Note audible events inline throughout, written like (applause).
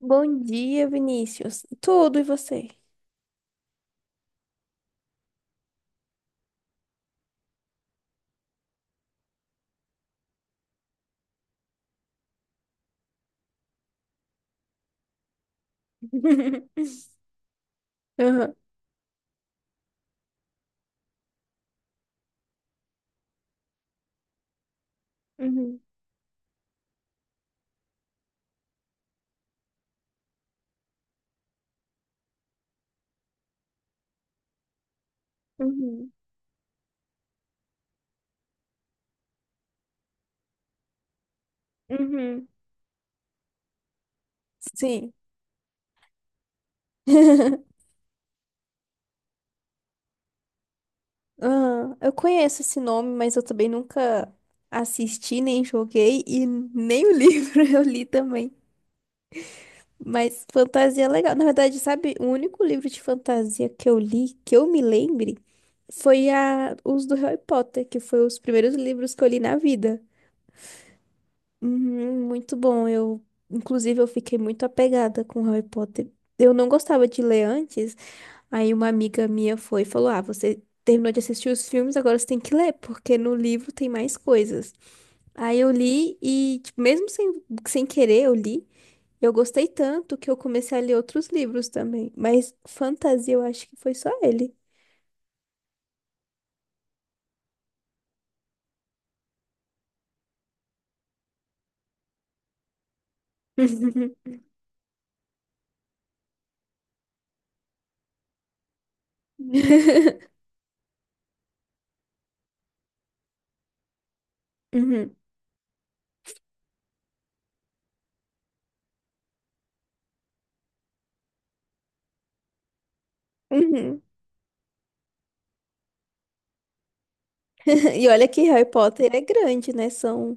Bom dia, Vinícius. Tudo e você? (laughs) Aham, uhum, uhum, uhum. Sim. (laughs) Aham, eu conheço esse nome, mas eu também nunca assisti, nem joguei e nem o livro (laughs) eu li também. Mas fantasia é legal. Na verdade, sabe, o único livro de fantasia que eu li, que eu me lembre, foi os do Harry Potter, que foi os primeiros livros que eu li na vida. Uhum, muito bom. Eu, inclusive, eu fiquei muito apegada com Harry Potter. Eu não gostava de ler antes. Aí uma amiga minha foi e falou: Ah, você terminou de assistir os filmes, agora você tem que ler, porque no livro tem mais coisas. Aí eu li e, tipo, mesmo sem querer, eu li. Eu gostei tanto que eu comecei a ler outros livros também. Mas fantasia, eu acho que foi só ele. (laughs) Uhum, uhum. (laughs) E olha que Harry Potter é grande, né? São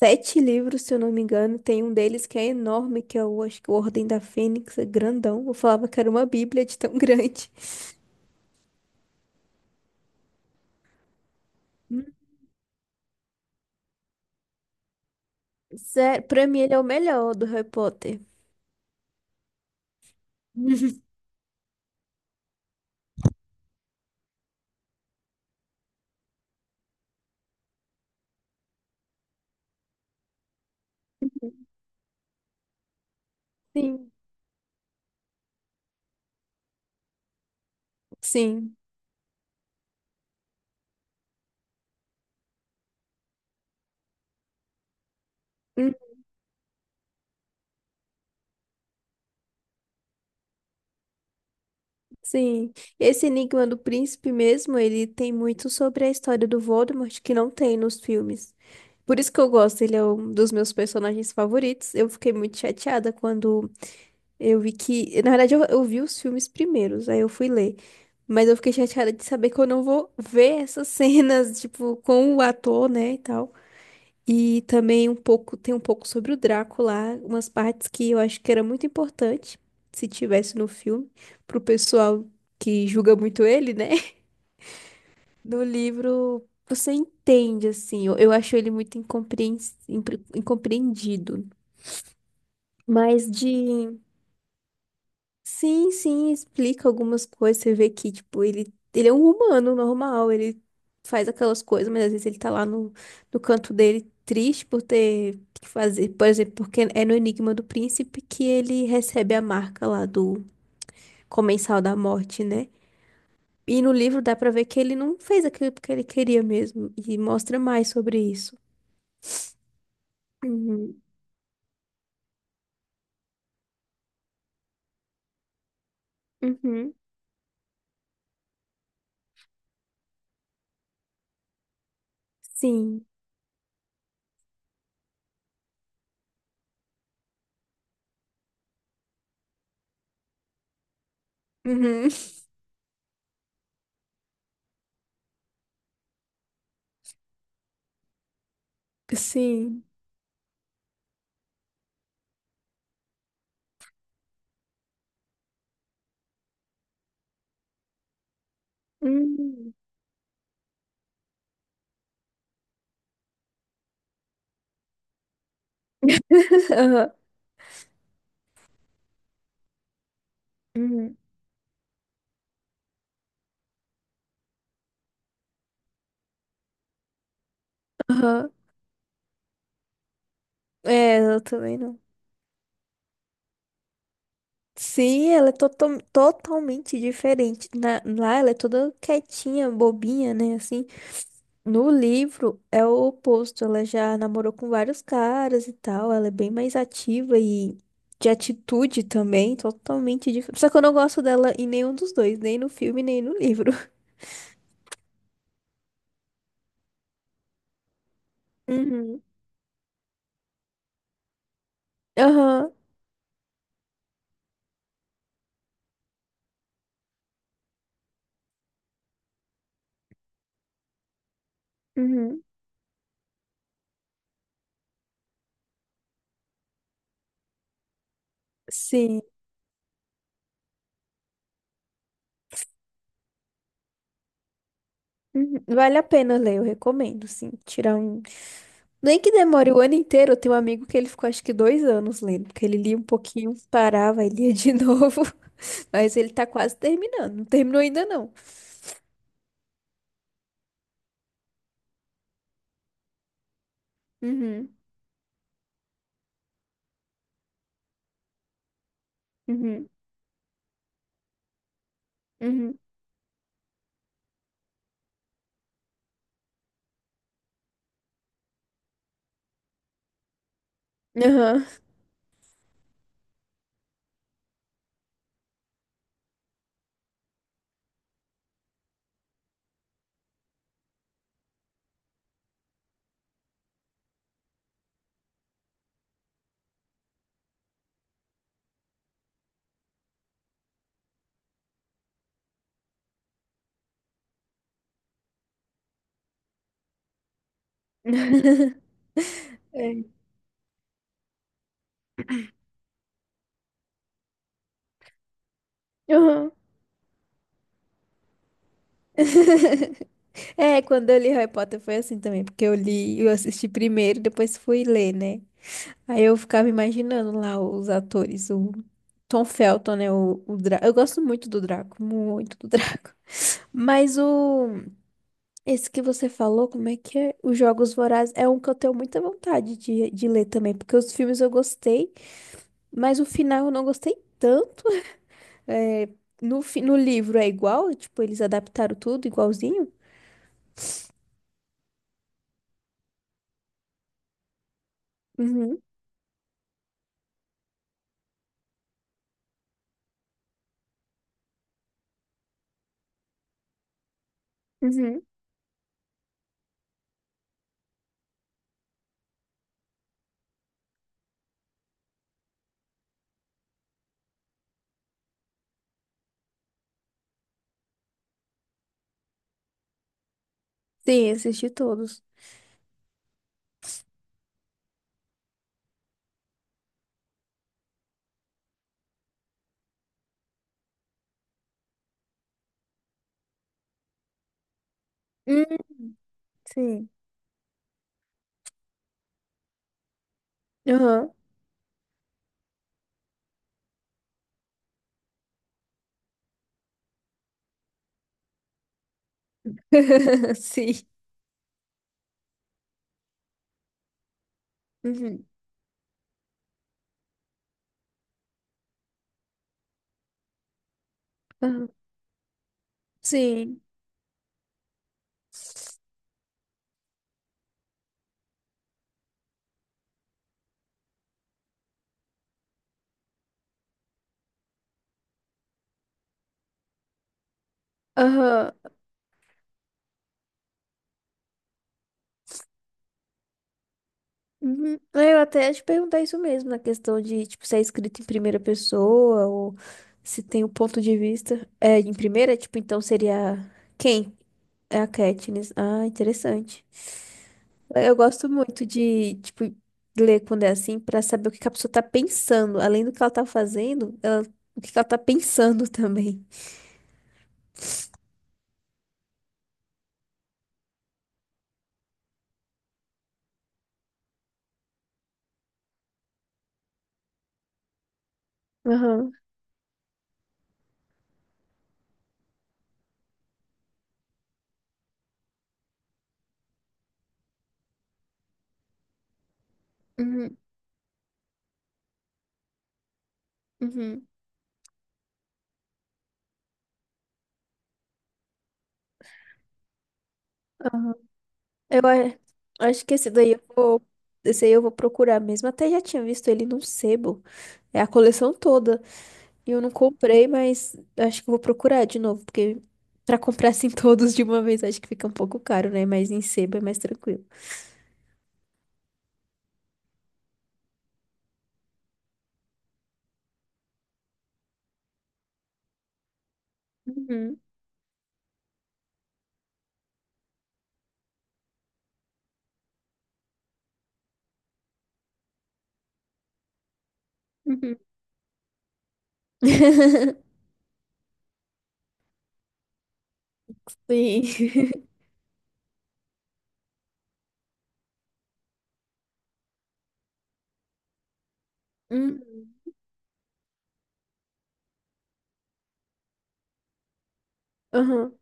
sete livros, se eu não me engano. Tem um deles que é enorme, que é acho que o Ordem da Fênix, é grandão. Eu falava que era uma bíblia de tão (laughs) grande. Hum, Sério, pra mim ele é o melhor do Harry Potter. (laughs) Sim, sim. Hum, sim, esse Enigma do Príncipe mesmo, ele tem muito sobre a história do Voldemort que não tem nos filmes. Por isso que eu gosto, ele é um dos meus personagens favoritos. Eu fiquei muito chateada quando eu vi que. Na verdade, eu vi os filmes primeiros, aí eu fui ler. Mas eu fiquei chateada de saber que eu não vou ver (laughs) essas cenas, tipo, com o ator, né, e tal. E também um pouco, tem um pouco sobre o Draco lá, umas partes que eu acho que era muito importante, se tivesse no filme, pro pessoal que julga muito ele, né? (laughs) No livro, você entende, assim, eu acho ele muito incompreendido. Mas de Sim, sim, explica algumas coisas. Você vê que, tipo, ele é um humano normal, ele faz aquelas coisas, mas às vezes ele tá lá no canto dele triste por ter que fazer. Por exemplo, porque é no Enigma do Príncipe que ele recebe a marca lá do Comensal da Morte, né? E no livro dá pra ver que ele não fez aquilo porque ele queria mesmo, e mostra mais sobre isso. Uhum, uhum, sim, uhum, (laughs) sim. Uhum. (laughs) Aham, uhum. Aham. É, eu também não. Sim, ela é totalmente diferente. Lá ela é toda quietinha, bobinha, né? Assim, no livro é o oposto. Ela já namorou com vários caras e tal. Ela é bem mais ativa e de atitude também, totalmente diferente. Só que eu não gosto dela em nenhum dos dois, nem no filme, nem no livro. (laughs) Uhum. Aham. Uhum. Sim. Uhum. Vale a pena ler, eu recomendo, sim. Tirar um Nem que demore o ano inteiro, eu tenho um amigo que ele ficou acho que 2 anos lendo, porque ele lia um pouquinho, parava e lia de (laughs) novo. Mas ele tá quase terminando, não terminou ainda não. Uhum, uhum, uhum, aham. (laughs) É, aham. (laughs) É, quando eu li Harry Potter foi assim também, porque eu li, eu assisti primeiro, depois fui ler, né? Aí eu ficava imaginando lá os atores, o Tom Felton, né? O Draco. Eu gosto muito do Draco, muito do Draco. (laughs) Mas o Esse que você falou, como é que é? Os Jogos Vorazes é um que eu tenho muita vontade de, ler também, porque os filmes eu gostei, mas o final eu não gostei tanto. É, no livro é igual, tipo, eles adaptaram tudo igualzinho? Uhum, uhum. Sim, assisti todos. Hum, Sim. Aham. (laughs) Sim. Uhum. Aham. Sim. Aham. Uhum. É, eu até ia te perguntar isso mesmo, na questão de, tipo, se é escrito em primeira pessoa ou se tem o ponto de vista. É, em primeira, tipo, então seria quem? É a Katniss. Ah, interessante. É, eu gosto muito de, tipo, ler quando é assim pra saber o que que a pessoa tá pensando. Além do que ela tá fazendo, o que que ela tá pensando (laughs) também. Aham. Uhum. Uhum. Aham. Eu acho que esse aí eu vou procurar mesmo. Até já tinha visto ele num sebo. É a coleção toda. E eu não comprei, mas acho que eu vou procurar de novo, porque pra comprar assim (laughs) todos de uma vez acho que fica um pouco caro, né? Mas em sebo é mais tranquilo. Uhum, uhum. (laughs) Sim. (laughs) Uhum. Uhum.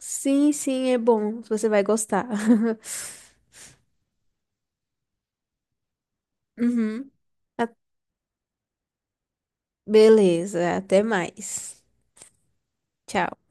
Sim, sim, é bom. Você vai gostar. (laughs) Uhum. A- Beleza, até mais. Tchau.